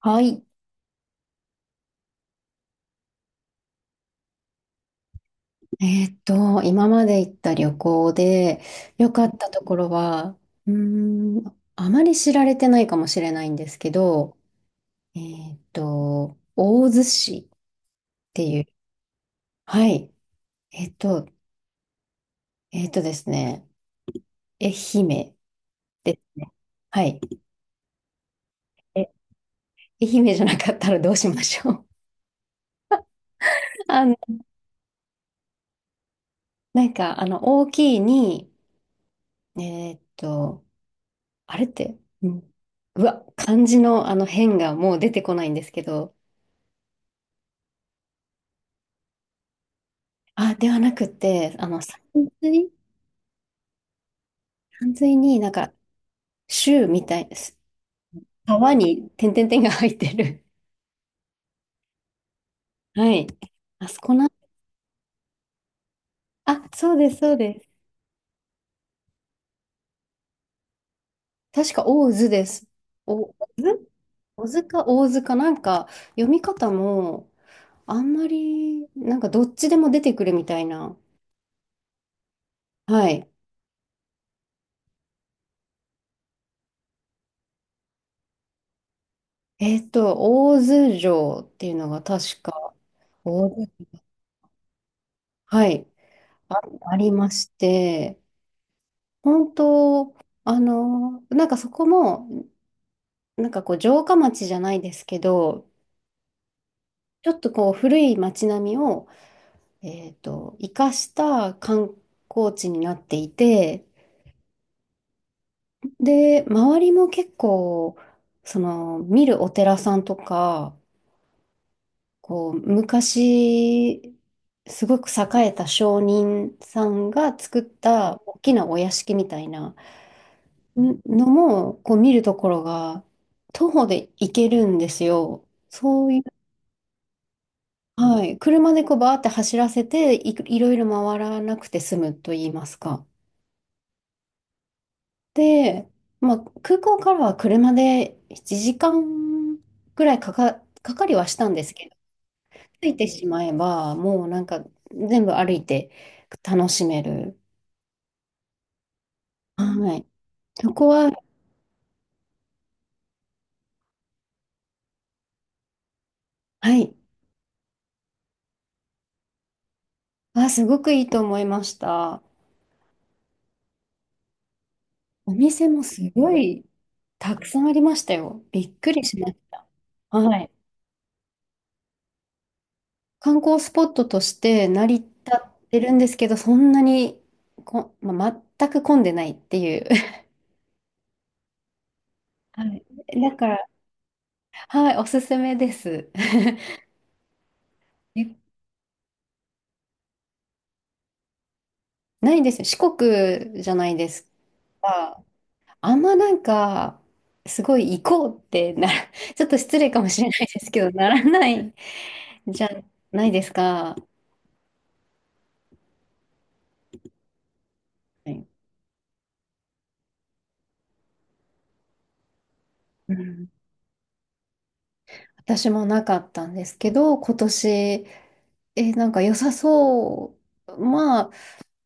はい。今まで行った旅行で良かったところは、うーあまり知られてないかもしれないんですけど、大洲市っていう、はい。えーっと、ですね、愛媛ですね。はい。え、愛媛じゃなかったらどうしましょう。あの、大きいに、えーっと、あれって、うわ、漢字のあの変がもう出てこないんですけど、あ、ではなくて、あの、さんずい、さんずいになんか、州みたいです。川に点々点が入ってる。はい。あそこな、あ、そうです、そうです。確か、大津です。お、大津大津か大津か、なんか、読み方も、あんまり、なんか、どっちでも出てくるみたいな。はい。えっと、大津城っていうのが確か、大津、はい、あ、ありまして、本当、あの、なんかそこも、なんかこう城下町じゃないですけど、ちょっとこう古い町並みを、えっと、生かした観光地になっていて、で、周りも結構、その、見るお寺さんとか、こう、昔、すごく栄えた商人さんが作った大きなお屋敷みたいな、んのも、こう見るところが、徒歩で行けるんですよ。そういう、はい。車でこうバーって走らせて、いろいろ回らなくて済むと言いますか。で、まあ、空港からは車で1時間ぐらいかかりはしたんですけど、着いてしまえば、もうなんか全部歩いて楽しめる。はい。そこは、はい。あ、すごくいいと思いました。お店もすごいたくさんありましたよ。びっくりしました。はい。観光スポットとして成り立ってるんですけど、そんなにまあ、全く混んでないっていう。はい。だから、はい、おすすめです。えないですよ。四国じゃないですか。あんまなんか、すごい行こうってな、ちょっと失礼かもしれないですけど、ならないじゃないですか。はい。うん。私もなかったんですけど、今年、なんか良さそう。まあ、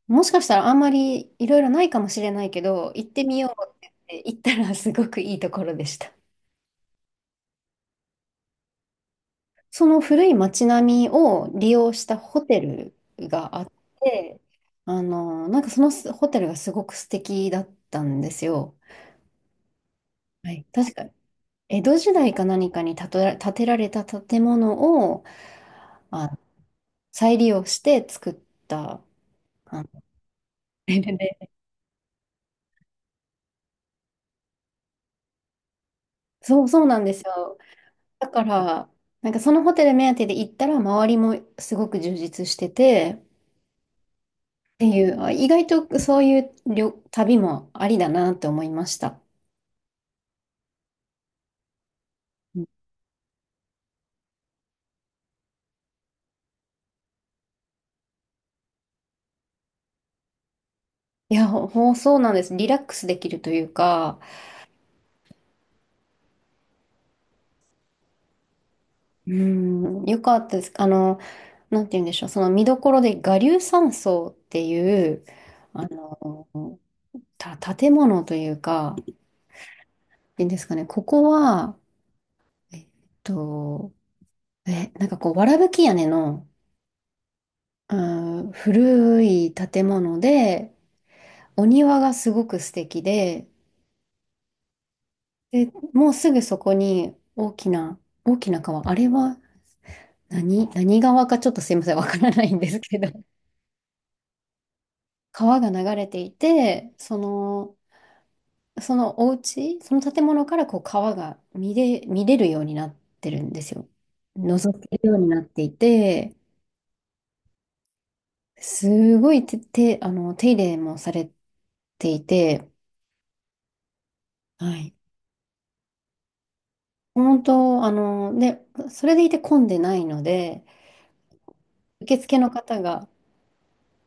もしかしたらあんまりいろいろないかもしれないけど、行ってみようって言って行ったらすごくいいところでした。その古い街並みを利用したホテルがあって、あの、なんかそのホテルがすごく素敵だったんですよ。はい、確か江戸時代か何かに建てられた建物をあ再利用して作った。ででそうそうなんですよ。だから、なんかそのホテル目当てで行ったら、周りもすごく充実してて、っていう、あ意外とそういう旅もありだなって思いました。うん。いや、そうなんです。リラックスできるというか、うん、よかったです。あの、なんて言うんでしょう、その見どころで我流山荘っていう、あの、建物というか、いいんですかね、ここは、えっと、なんかこう、わらぶき屋根の、うーん、古い建物で、お庭がすごく素敵で、で、もうすぐそこに大きな川、あれは何川かちょっとすいません、わからないんですけど、川が流れていて、その、そのお家、その建物からこう川が見れるようになってるんですよ。覗けるようになっていて、すごいて、て、あの、手入れもされていて、はい。本当、あの、で、それでいて混んでないので、受付の方が、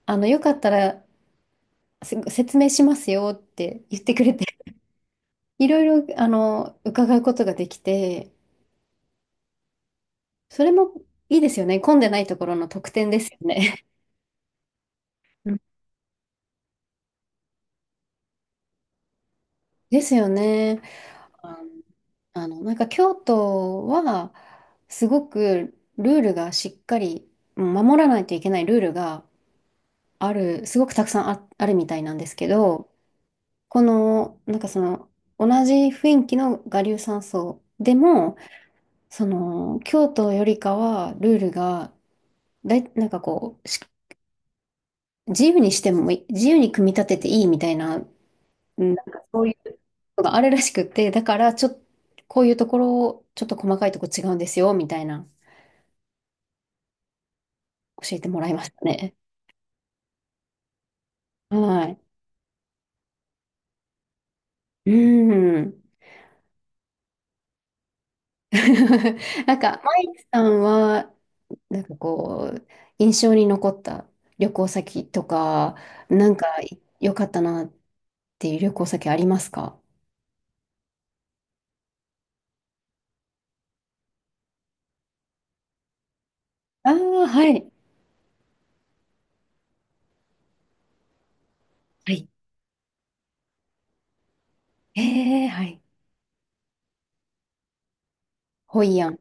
あの、よかったら説明しますよって言ってくれて、いろいろ、あの、伺うことができて、それもいいですよね。混んでないところの特典ですよね。うんですよね。ああの、なんか京都は、すごくルールがしっかり、うん守らないといけないルールがある、すごくたくさんあ、あるみたいなんですけど、この、なんかその、同じ雰囲気の我流山荘でも、その、京都よりかは、ルールが、だい、なんかこう、自由にしてもいい、自由に組み立てていいみたいな、うんなんかそういうのがあるらしくって、だから、ちょっと、こういうところを、ちょっと細かいとこ違うんですよ、みたいな、教えてもらいましたね。はい。うん。なんか、マイクさんは、なんかこう、印象に残った旅行先とか、なんか良かったなっていう旅行先ありますか？ああー、はい。はい。ええ、はい。ホイアン。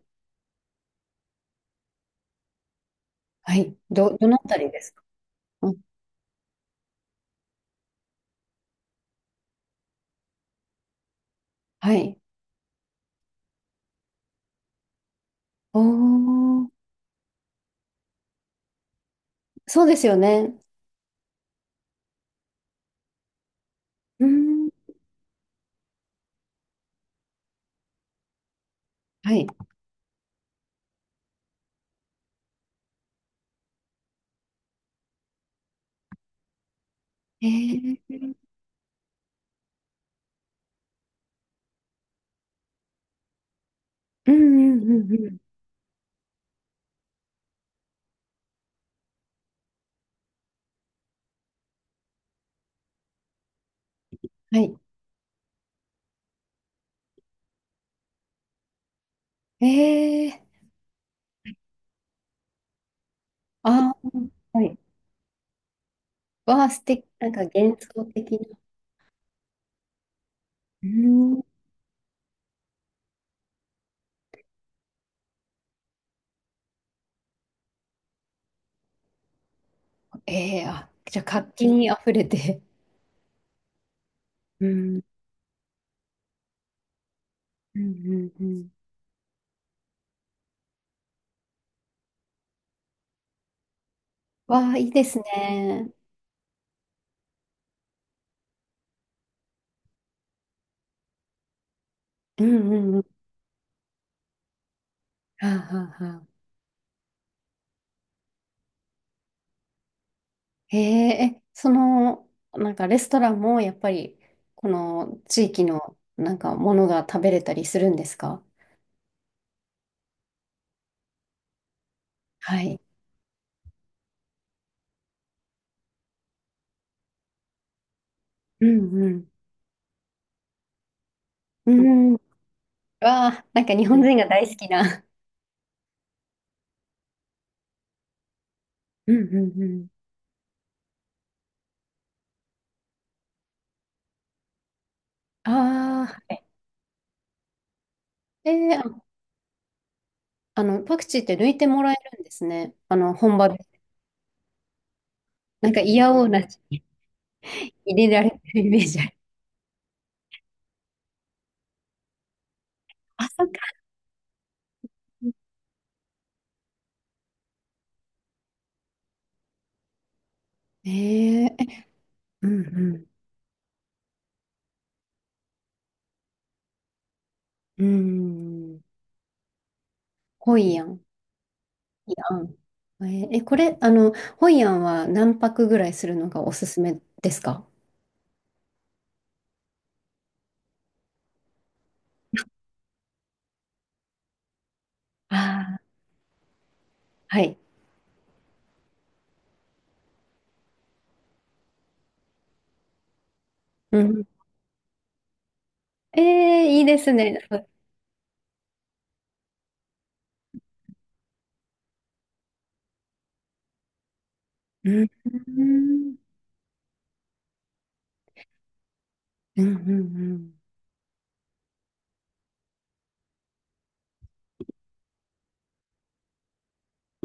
はい。どのあたりですか？うん。はい。おー、そうですよね。うん。はい。ええ。うんうんうんうん。はい。ええ。ああー、はい。わあ素敵。なんか幻想的な。うん。ええ、あ、じゃあ活気に溢れて。うん。うんうんうん。わあ、いいですね。うんうんうん。はあはあはあ。へえ、その、なんかレストランもやっぱり、この地域のなんかものが食べれたりするんですか？はい。うんうん。うん。わあ、なんか日本人が大好きな。うんうんうん。ああ、はい。えー、ああの、パクチーって抜いてもらえるんですね。あの、本場で。なんか嫌おうな入れられてるイメージある。あ、そっか。えー、えうんうん。うーん。ホイアン。いやん。えーえこれ、あの、ホイアンは何泊ぐらいするのがおすすめですか？ああー、はい。うん。えー、いいですね。うん。うん。うん。うん。うん